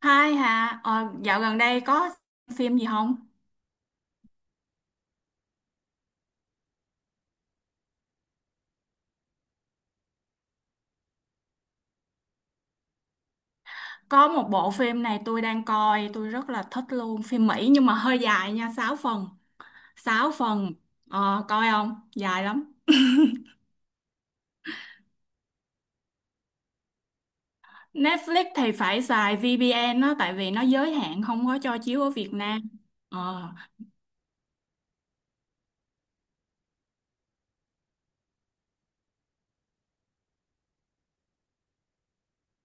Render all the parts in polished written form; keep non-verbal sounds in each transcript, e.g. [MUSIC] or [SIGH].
Hai hả? Ờ, Dạo gần đây có phim gì không? Có một bộ phim này tôi đang coi, tôi rất là thích luôn. Phim Mỹ nhưng mà hơi dài nha, 6 phần. Sáu phần, coi không? Dài lắm. Netflix thì phải xài VPN đó, tại vì nó giới hạn không có cho chiếu ở Việt Nam. Ờ.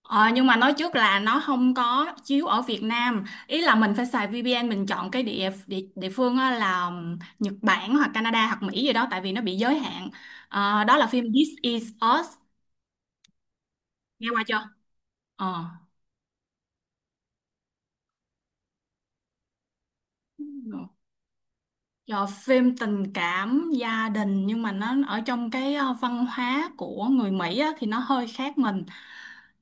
Ờ, nhưng mà nói trước là nó không có chiếu ở Việt Nam, ý là mình phải xài VPN, mình chọn cái địa địa, địa phương á là Nhật Bản hoặc Canada hoặc Mỹ gì đó, tại vì nó bị giới hạn. Ờ, đó là phim This Is Us, nghe qua chưa? Ờ. Rồi phim tình cảm gia đình, nhưng mà nó ở trong cái văn hóa của người Mỹ á, thì nó hơi khác mình,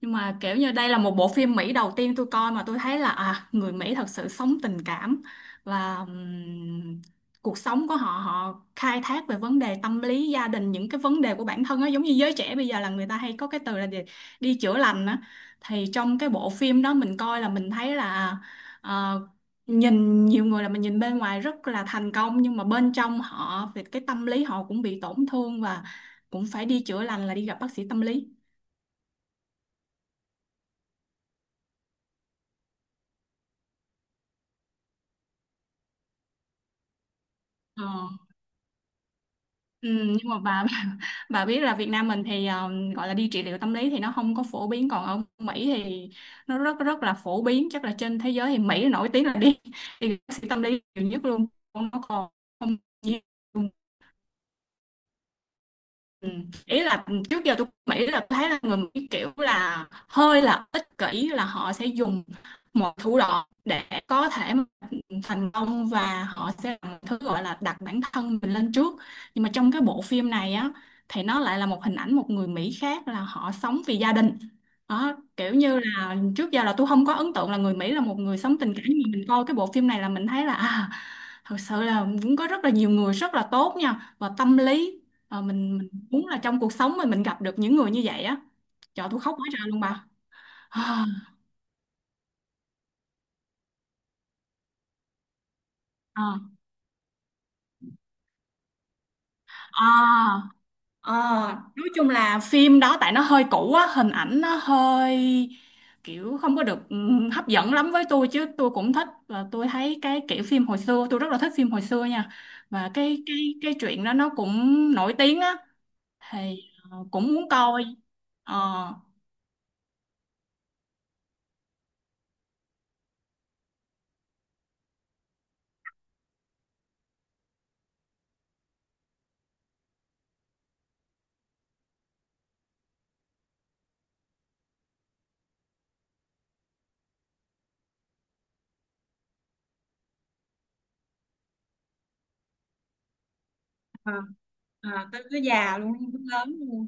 nhưng mà kiểu như đây là một bộ phim Mỹ đầu tiên tôi coi mà tôi thấy là à, người Mỹ thật sự sống tình cảm. Và cuộc sống của họ, họ khai thác về vấn đề tâm lý gia đình, những cái vấn đề của bản thân á, giống như giới trẻ bây giờ là người ta hay có cái từ là gì? Đi chữa lành á. Thì trong cái bộ phim đó mình coi là mình thấy là à, nhìn nhiều người là mình nhìn bên ngoài rất là thành công, nhưng mà bên trong họ về cái tâm lý họ cũng bị tổn thương, và cũng phải đi chữa lành là đi gặp bác sĩ tâm lý. Ờ. Ừ, nhưng mà bà [LAUGHS] bà biết là Việt Nam mình thì gọi là đi trị liệu tâm lý thì nó không có phổ biến, còn ở Mỹ thì nó rất rất là phổ biến, chắc là trên thế giới thì Mỹ nổi tiếng là đi [LAUGHS] đi gặp bác sĩ tâm lý nhiều nhất luôn. Nó còn không nhiều. Ừ. Ý là trước giờ tôi nghĩ là tôi thấy là người Mỹ kiểu là hơi là ích kỷ, là họ sẽ dùng một thủ đoạn để có thể mà thành công, và họ sẽ làm một thứ gọi là đặt bản thân mình lên trước. Nhưng mà trong cái bộ phim này á, thì nó lại là một hình ảnh một người Mỹ khác là họ sống vì gia đình. Đó, kiểu như là trước giờ là tôi không có ấn tượng là người Mỹ là một người sống tình cảm, nhưng mà mình coi cái bộ phim này là mình thấy là à, thật sự là cũng có rất là nhiều người rất là tốt nha, và tâm lý. Ờ, mình muốn là trong cuộc sống mình gặp được những người như vậy á. Trời, tôi khóc quá trời luôn bà. À. À, à, à. Nói chung là phim đó tại nó hơi cũ á, hình ảnh nó hơi kiểu không có được hấp dẫn lắm với tôi, chứ tôi cũng thích, và tôi thấy cái kiểu phim hồi xưa, tôi rất là thích phim hồi xưa nha. Và cái cái chuyện đó nó cũng nổi tiếng á. Thì cũng muốn coi. Ờ, à, à, tới tới già luôn, lớn luôn.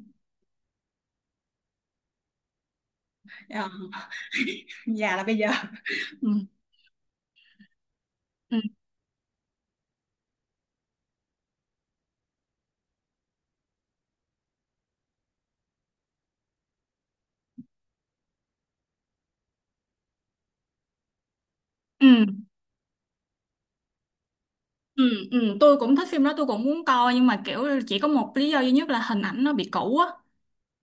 Ờ, già là bây giờ. Ừ. Ừ, ừ, ừ, ừ, tôi cũng thích phim đó, tôi cũng muốn coi, nhưng mà kiểu chỉ có một lý do duy nhất là hình ảnh nó bị cũ á,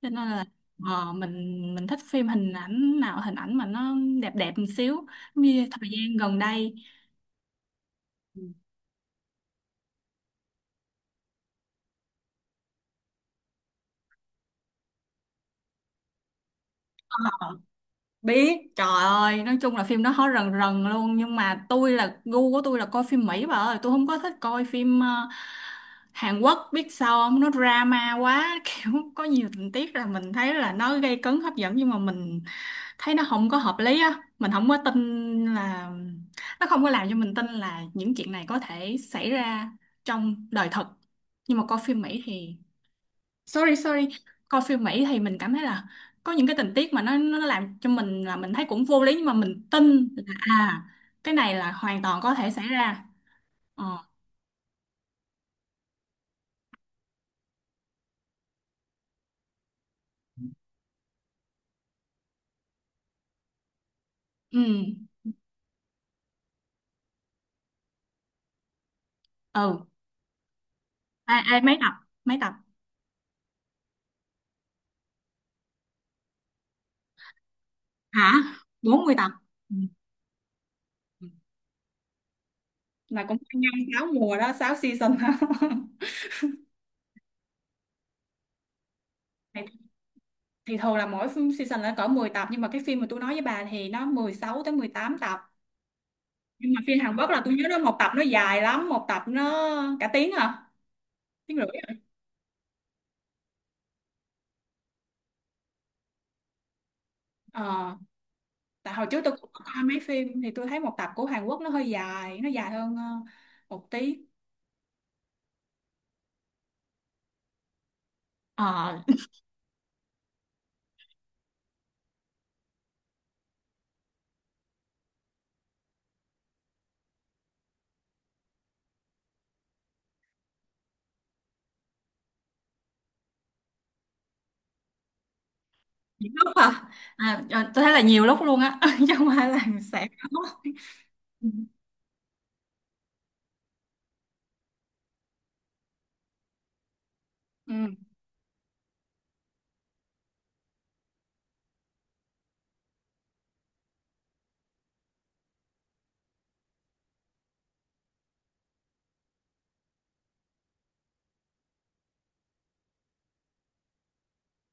cho nên là mình thích phim hình ảnh nào, hình ảnh mà nó đẹp đẹp một xíu, giống như thời gian gần đây. Ừ. Biết, trời ơi, nói chung là phim nó hot rần rần luôn, nhưng mà tôi là gu của tôi là coi phim Mỹ bà ơi, tôi không có thích coi phim Hàn Quốc, biết sao không, nó drama quá [LAUGHS] kiểu có nhiều tình tiết là mình thấy là nó gây cấn hấp dẫn, nhưng mà mình thấy nó không có hợp lý á, mình không có tin là, nó không có làm cho mình tin là những chuyện này có thể xảy ra trong đời thật. Nhưng mà coi phim Mỹ thì, sorry sorry, coi phim Mỹ thì mình cảm thấy là có những cái tình tiết mà nó làm cho mình là mình thấy cũng vô lý, nhưng mà mình tin là à, cái này là hoàn toàn có thể xảy ra. Ờ. Ừ. Ừ. Ai ai, mấy tập, mấy tập? Hả? 40 tập. Ừ. Là cũng 5 6 mùa đó, 6 season đó. [LAUGHS] thì, thì thường là mỗi phim season là cỡ 10 tập, nhưng mà cái phim mà tôi nói với bà thì nó 16 tới 18 tập. Nhưng mà phim Hàn Quốc là tôi nhớ nó một tập nó dài lắm, một tập nó cả tiếng à, tiếng rưỡi. Ờ, tại hồi trước tôi cũng có coi mấy phim thì tôi thấy một tập của Hàn Quốc nó hơi dài, nó dài hơn một tí. Ờ, nhiều lúc hả? À, ờ, tôi thấy là nhiều lúc luôn á, [LAUGHS] chứ không phải là sẽ có. Ừ. Ừ,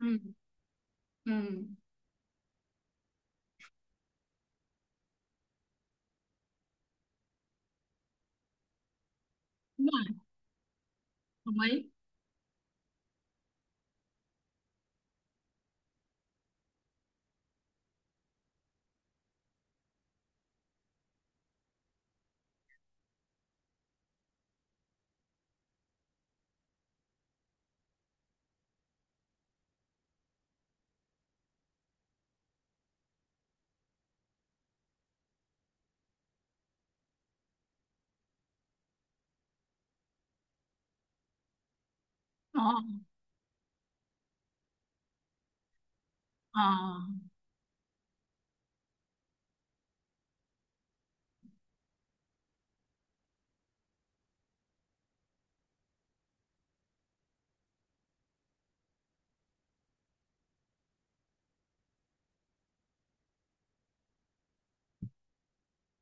ừ, ừ. Đúng rồi, đồng ý. Ờ, ờ.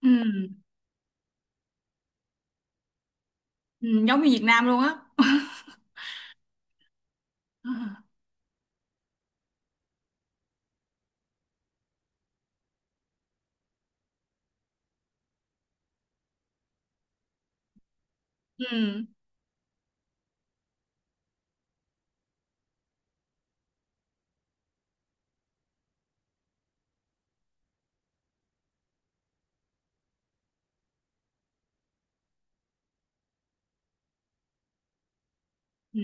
Ừ, ừ, giống như Việt Nam luôn á. [LAUGHS] Ừ, ừ,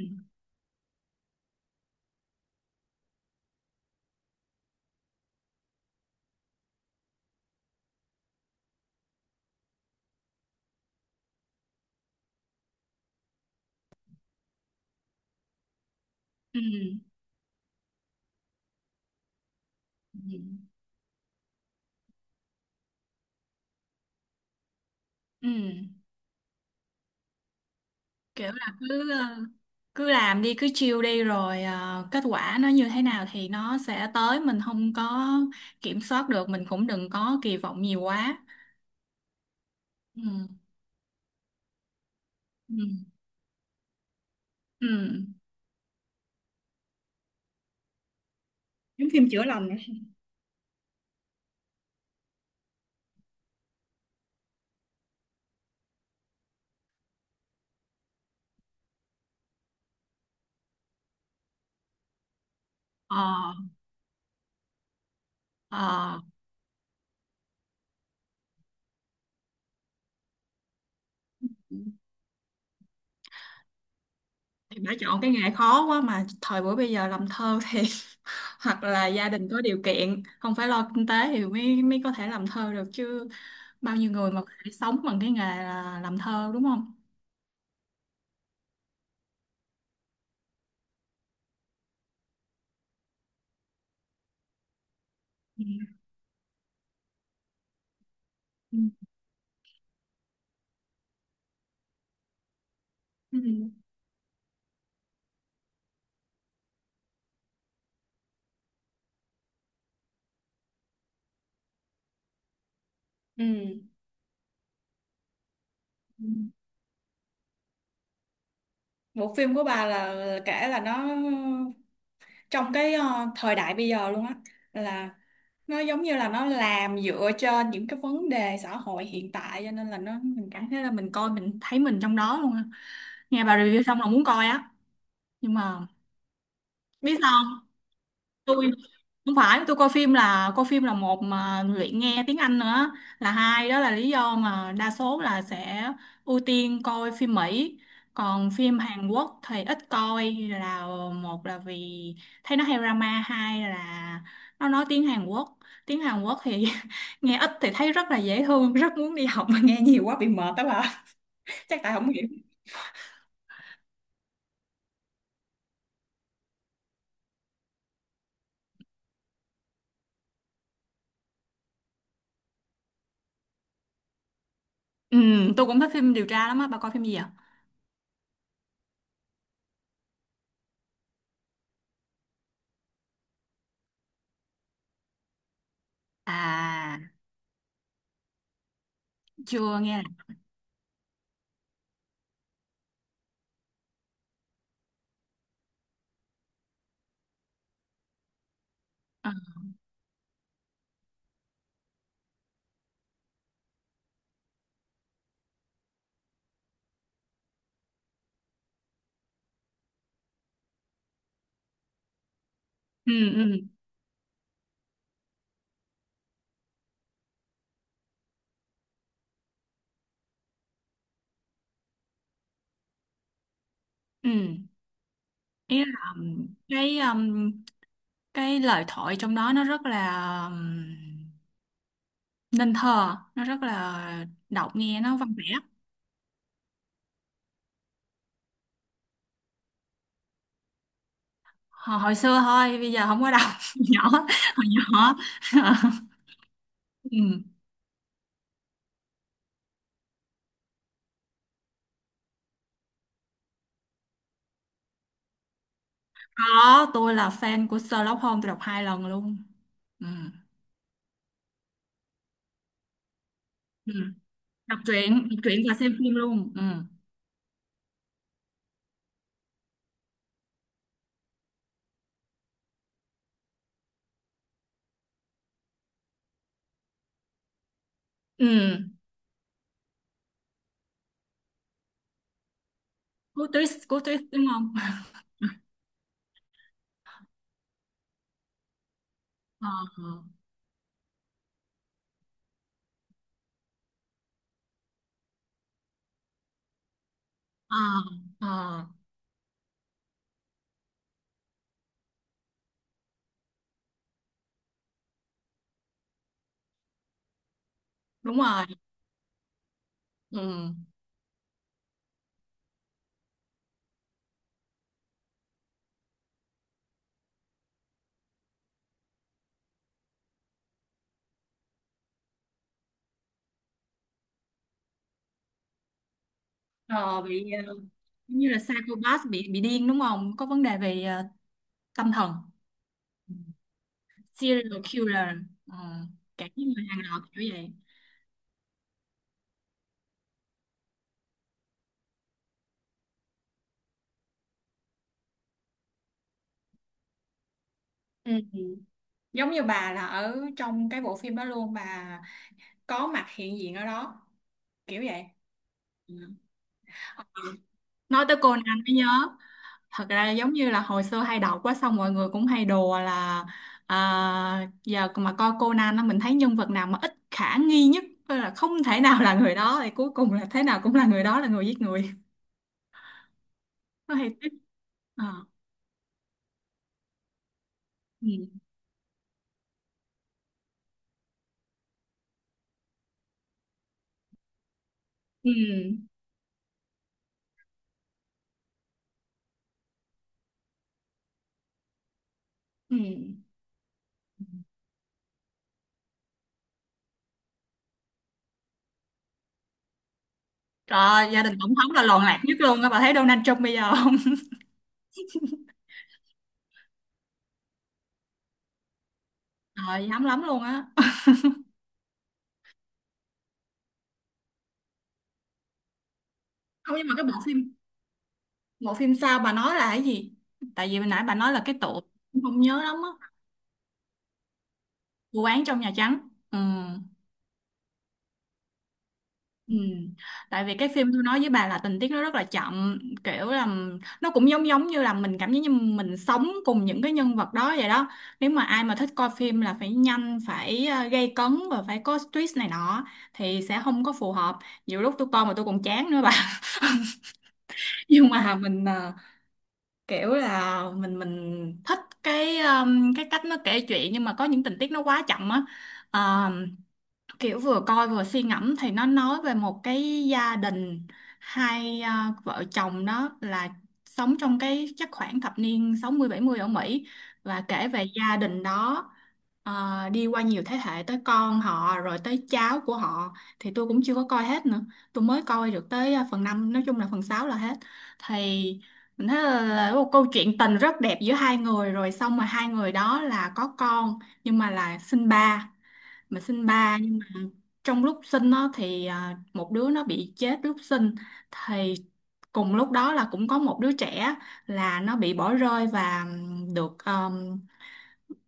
ừ, ừ, ừ. Kiểu là cứ cứ làm đi, cứ chill đi, rồi kết quả nó như thế nào thì nó sẽ tới, mình không có kiểm soát được, mình cũng đừng có kỳ vọng nhiều quá. Ừ, ừ, ừ. Giống phim chữa lành này. Ờ, ờ. Thì đã chọn cái nghề khó quá, mà thời buổi bây giờ làm thơ thì [LAUGHS] hoặc là gia đình có điều kiện không phải lo kinh tế thì mới mới có thể làm thơ được chứ. Bao nhiêu người mà có thể sống bằng cái nghề là làm thơ, đúng không? Ừ, ừ, ừ. Ừ. Ừ. Bộ phim của bà là kể là nó trong cái thời đại bây giờ luôn á, là nó giống như là nó làm dựa trên những cái vấn đề xã hội hiện tại, cho nên là nó mình cảm thấy là mình coi, mình thấy mình trong đó luôn á. Nghe bà review xong là muốn coi á, nhưng mà biết sao không? Tôi, không phải tôi coi phim là một, mà luyện nghe tiếng Anh nữa là hai, đó là lý do mà đa số là sẽ ưu tiên coi phim Mỹ. Còn phim Hàn Quốc thì ít coi, là một là vì thấy nó hay drama, hai là nó nói tiếng Hàn Quốc. Tiếng Hàn Quốc thì [LAUGHS] nghe ít thì thấy rất là dễ thương, rất muốn đi học, mà nghe nhiều quá bị mệt đó bà. [LAUGHS] Chắc tại không hiểu. Ừ, tôi cũng thích phim điều tra lắm á bà, coi phim gì vậy? À, chưa nghe. Là ừ, ừ, ừ, ừ. Ý là cái lời thoại trong đó nó rất là um, nên thơ, nó rất là đọc nghe nó văn vẻ. Hồi, hồi xưa thôi, bây giờ không có đọc. [LAUGHS] Nhỏ, hồi nhỏ. [LAUGHS] Ừ. Có, tôi là fan của Sherlock Holmes, tôi đọc 2 lần luôn. Ừ. Ừ. Đọc truyện, đọc truyện và xem phim luôn. Ừ. Ừ. Cú twist, cú twist đúng không? [LAUGHS] Ờ, ờ, ờ, đúng rồi. Ừ. Ờ, bị giống như là psychopath, bị điên đúng không? Có vấn đề về tâm thần. Ừ. Serial killer. Ờ, cả những người hàng loạt kiểu vậy. Ừ. Giống như bà là ở trong cái bộ phim đó luôn bà, có mặt hiện diện ở đó, kiểu vậy. Ừ. Nói tới Conan mới nhớ, thật ra giống như là hồi xưa hay đọc quá, xong mọi người cũng hay đùa là à, giờ mà coi Conan á, mình thấy nhân vật nào mà ít khả nghi nhất, tức là không thể nào là người đó, thì cuối cùng là thế nào cũng là người đó là người giết người. Nó hay tức. Ờ. Ừ. Ừ. Ừ. Trời ơi, gia đình tổng thống là loạn lạc nhất luôn á, bà thấy Donald Trump bây giờ không? [LAUGHS] Trời, hám lắm luôn á. Không, nhưng mà cái bộ phim, bộ phim sao bà nói là cái gì, tại vì hồi nãy bà nói là cái tội, không nhớ lắm. Á, vụ án trong Nhà Trắng. Ừ. Ừ. Tại vì cái phim tôi nói với bà là tình tiết nó rất là chậm, kiểu là nó cũng giống giống như là mình cảm giác như mình sống cùng những cái nhân vật đó vậy đó. Nếu mà ai mà thích coi phim là phải nhanh, phải gay cấn và phải có twist này nọ thì sẽ không có phù hợp. Nhiều lúc tôi coi mà tôi còn chán nữa bà. [LAUGHS] Nhưng mà mình, kiểu là mình thích cái cái cách nó kể chuyện, nhưng mà có những tình tiết nó quá chậm á. Ờ, kiểu vừa coi vừa suy ngẫm. Thì nó nói về một cái gia đình, hai, à, vợ chồng đó là sống trong cái chắc khoảng thập niên 60-70 ở Mỹ, và kể về gia đình đó, à, đi qua nhiều thế hệ tới con họ rồi tới cháu của họ. Thì tôi cũng chưa có coi hết nữa. Tôi mới coi được tới, à, phần 5, nói chung là phần 6 là hết. Thì mình thấy là một câu chuyện tình rất đẹp giữa hai người, rồi xong mà hai người đó là có con nhưng mà là sinh ba. Mà sinh ba nhưng mà trong lúc sinh nó thì, à, một đứa nó bị chết lúc sinh. Thì cùng lúc đó là cũng có một đứa trẻ là nó bị bỏ rơi và được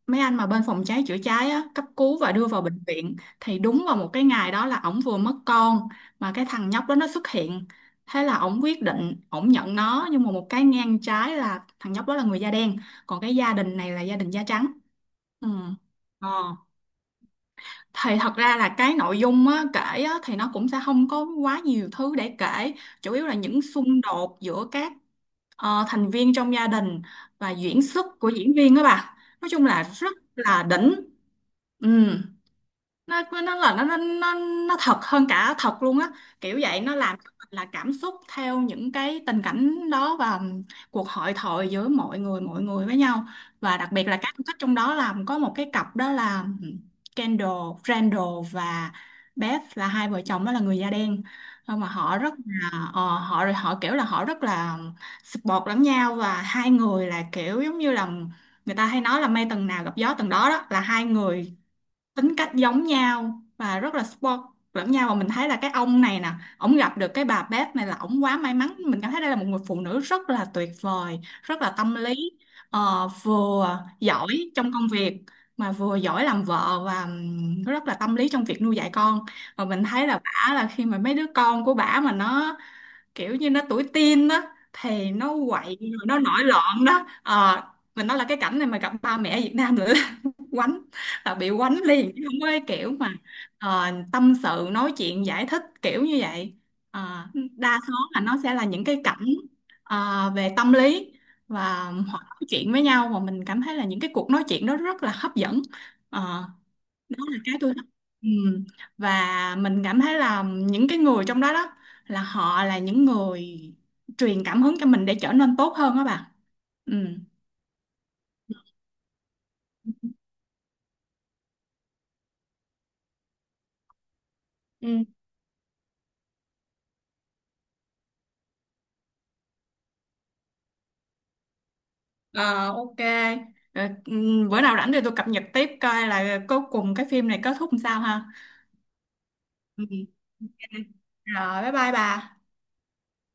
mấy anh mà bên phòng cháy chữa cháy á, cấp cứu và đưa vào bệnh viện, thì đúng vào một cái ngày đó là ổng vừa mất con, mà cái thằng nhóc đó nó xuất hiện. Thế là ổng quyết định ổng nhận nó, nhưng mà một cái ngang trái là thằng nhóc đó là người da đen, còn cái gia đình này là gia đình da trắng. Ừ. Ờ, thì thật ra là cái nội dung á, kể á, thì nó cũng sẽ không có quá nhiều thứ để kể, chủ yếu là những xung đột giữa các, ờ, thành viên trong gia đình. Và diễn xuất của diễn viên đó bà, nói chung là rất là đỉnh. Ừ. Nó nó thật hơn cả thật luôn á, kiểu vậy. Nó làm cho mình là cảm xúc theo những cái tình cảnh đó, và cuộc hội thoại giữa mọi người với nhau. Và đặc biệt là các khách trong đó là có một cái cặp đó là Kendall, Randall, và Beth, là hai vợ chồng đó là người da đen. Nhưng mà họ rất là, ờ, họ họ kiểu là họ rất là support lẫn nhau. Và hai người là kiểu giống như là người ta hay nói là mây tầng nào gặp gió tầng đó, đó là hai người tính cách giống nhau và rất là support lẫn nhau. Và mình thấy là cái ông này nè, ổng gặp được cái bà bếp này là ổng quá may mắn. Mình cảm thấy đây là một người phụ nữ rất là tuyệt vời, rất là tâm lý, ờ, vừa giỏi trong công việc mà vừa giỏi làm vợ, và rất là tâm lý trong việc nuôi dạy con. Và mình thấy là bả là khi mà mấy đứa con của bả mà nó kiểu như nó tuổi teen đó, thì nó quậy rồi nó nổi loạn đó. Ờ, mình nói là cái cảnh này mà gặp ba mẹ Việt Nam nữa, quánh, là bị quánh liền, chứ không có cái kiểu mà, ờ, tâm sự nói chuyện giải thích kiểu như vậy. Ờ, đa số là nó sẽ là những cái cảnh, ờ, về tâm lý, và họ nói chuyện với nhau mà mình cảm thấy là những cái cuộc nói chuyện đó rất là hấp dẫn. Ờ, đó là cái tôi thích. Ừ. Và mình cảm thấy là những cái người trong đó đó, là họ là những người truyền cảm hứng cho mình để trở nên tốt hơn đó bà. Ừ. Ờ, ok. Rồi, bữa nào rảnh thì tôi cập nhật tiếp coi là cuối cùng cái phim này kết thúc làm sao ha. Ừ. Ok. Rồi bye bye bà.